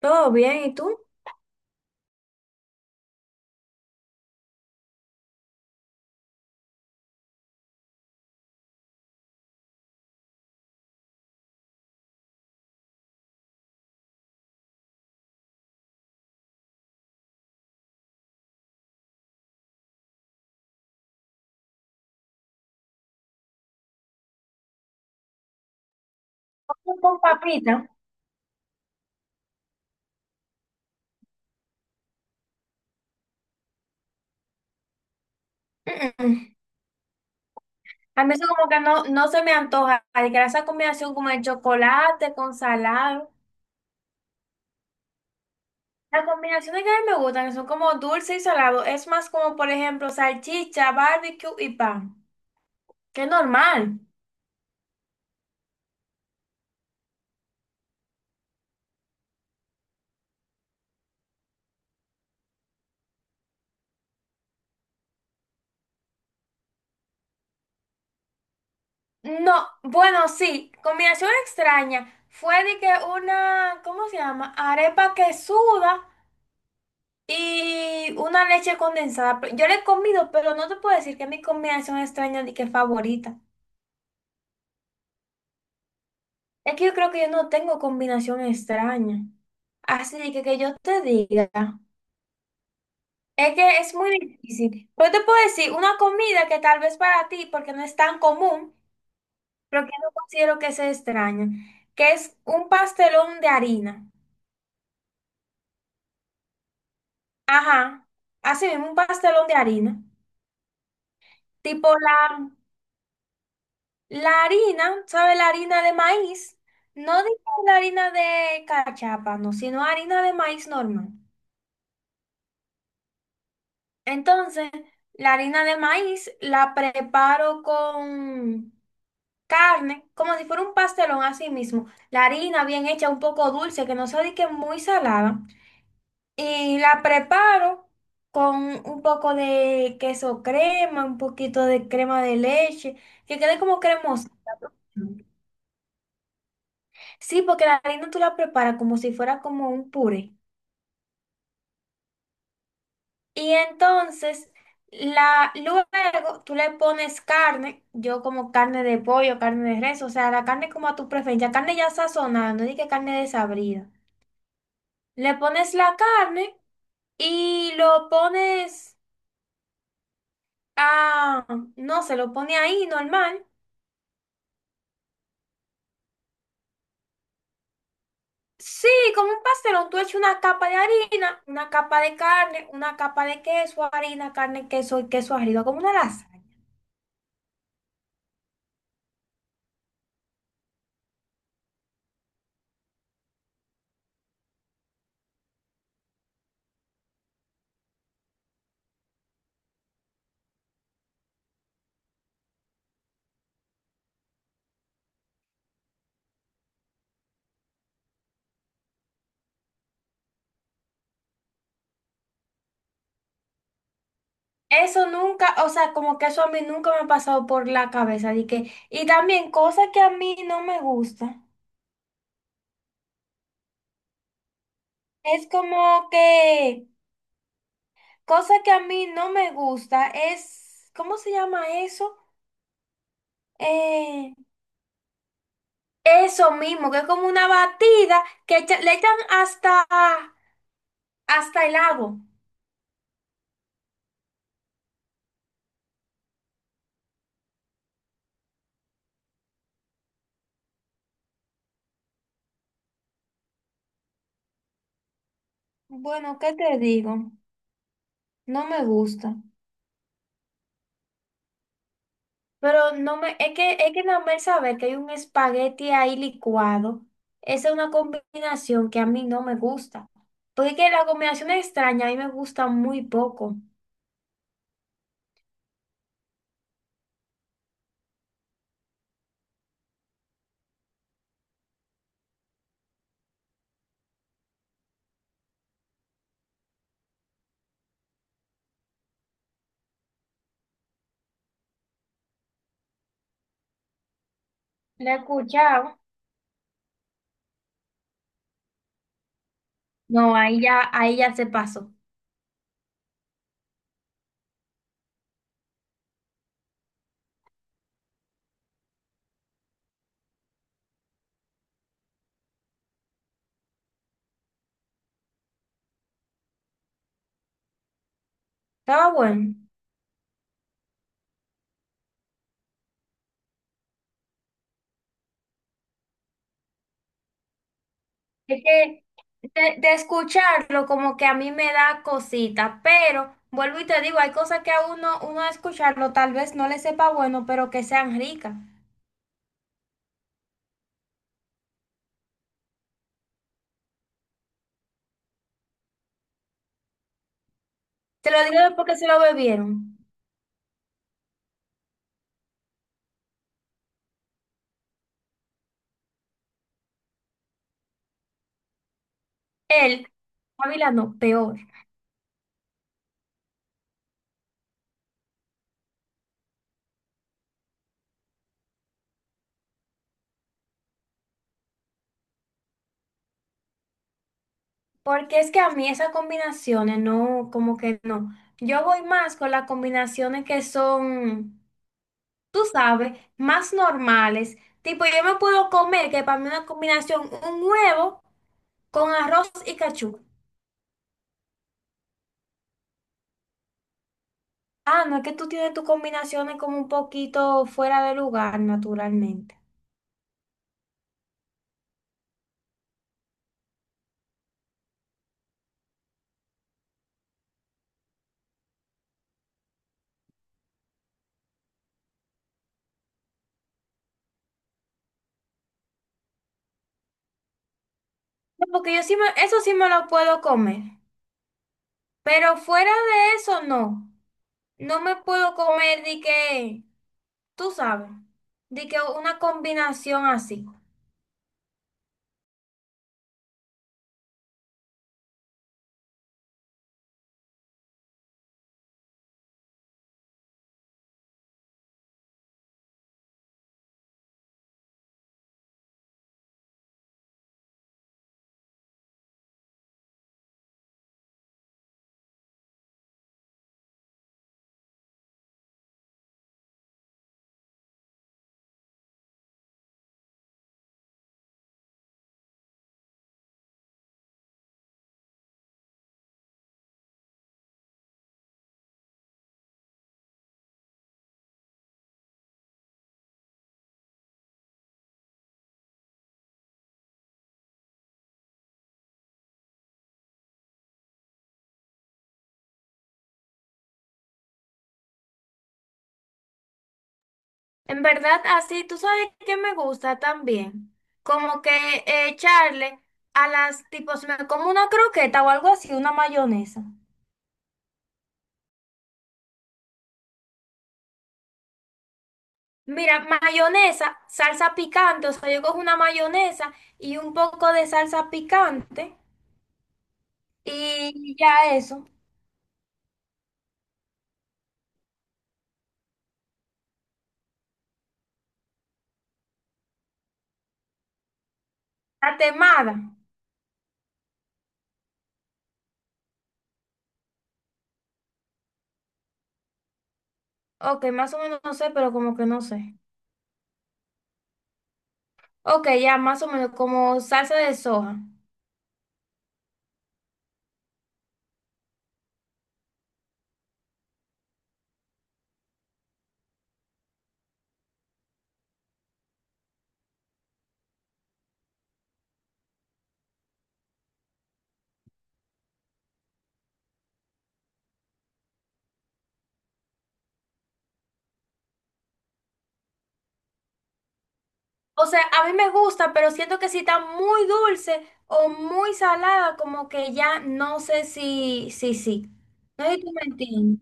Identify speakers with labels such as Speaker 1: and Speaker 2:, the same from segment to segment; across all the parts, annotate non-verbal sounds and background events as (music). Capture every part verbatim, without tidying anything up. Speaker 1: Todo bien, ¿y tú? Pollo con papita. (clears throat) Mm-mm. A mí eso como que no, no se me antoja. Ay, que esa combinación como el chocolate con salado. Las combinaciones que a mí me gustan, que son como dulce y salado, es más como, por ejemplo, salchicha, barbecue y pan. Que es normal. No, bueno, sí, combinación extraña. Fue de que una, ¿cómo se llama? Arepa que suda y una leche condensada. Pero yo la he comido, pero no te puedo decir que es mi combinación extraña de que favorita. Es que yo creo que yo no tengo combinación extraña. Así que, que yo te diga. Es que es muy difícil. Pero te puedo decir una comida que tal vez para ti, porque no es tan común, pero que no considero que sea extraña, que es un pastelón de harina. Ajá, así mismo, un pastelón de harina. Tipo la, la harina, ¿sabes? La harina de maíz. No digo la harina de cachapa, no, sino harina de maíz normal. Entonces, la harina de maíz la preparo con carne, como si fuera un pastelón así mismo. La harina bien hecha, un poco dulce, que no se dique muy salada. Y la preparo con un poco de queso crema, un poquito de crema de leche, que quede como cremosa. Sí, porque la harina tú la preparas como si fuera como un puré. Y entonces, la, luego tú le pones carne, yo como carne de pollo, carne de res, o sea, la carne como a tu preferencia, carne ya sazonada, no que carne desabrida. Le pones la carne y lo pones a, no se lo pone ahí normal. Sí, como un pastelón, tú echas una capa de harina, una capa de carne, una capa de queso, harina, carne, queso y queso arriba, como una lasaña. Eso nunca, o sea, como que eso a mí nunca me ha pasado por la cabeza. De que, y también cosas que a mí no me gusta. Es como que, cosa que a mí no me gusta es, ¿cómo se llama eso? Eh, eso mismo, que es como una batida que echa- le echan hasta, hasta el agua. Bueno, ¿qué te digo? No me gusta. Pero no me, es que, es que nada más saber que hay un espagueti ahí licuado, esa es una combinación que a mí no me gusta. Porque es que la combinación extraña a mí me gusta muy poco. ¿Lo he escuchado? No, ahí ya, ahí ya se pasó. Estaba bueno. Es que de, de escucharlo como que a mí me da cosita, pero vuelvo y te digo, hay cosas que a uno, uno a escucharlo tal vez no le sepa bueno, pero que sean ricas. Te lo digo porque se lo bebieron. Él, Ávila no, peor. Porque es que a mí esas combinaciones no, como que no. Yo voy más con las combinaciones que son, tú sabes, más normales. Tipo, yo me puedo comer, que para mí una combinación, un huevo con arroz y cachú. Ah, no, es que tú tienes tus combinaciones como un poquito fuera de lugar, naturalmente. No, porque yo sí me, eso sí me lo puedo comer. Pero fuera de eso, no. No me puedo comer de que, tú sabes, de que una combinación así. En verdad, así, tú sabes que me gusta también. Como que eh, echarle a las, tipo, si me como una croqueta o algo así, una mayonesa. Mira, mayonesa, salsa picante, o sea, yo cojo una mayonesa y un poco de salsa picante y ya eso. La temada. Ok, más o menos no sé, pero como que no sé. Ok, ya más o menos como salsa de soja. O sea, a mí me gusta, pero siento que si está muy dulce o muy salada, como que ya no sé si, si, sí. No sé si tú me entiendes.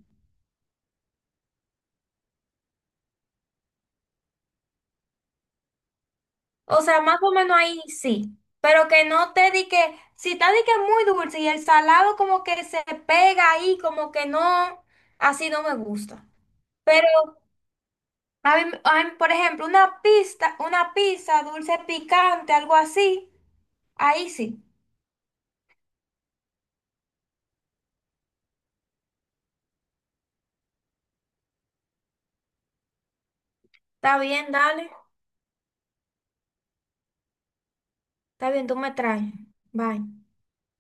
Speaker 1: O sea, más o menos ahí sí. Pero que no te di que, si está di que muy dulce y el salado como que se pega ahí, como que no, así no me gusta. Pero a mí, a mí, por ejemplo, una pista, una pizza dulce picante, algo así, ahí sí. Está bien, dale. Está bien, tú me traes. Bye.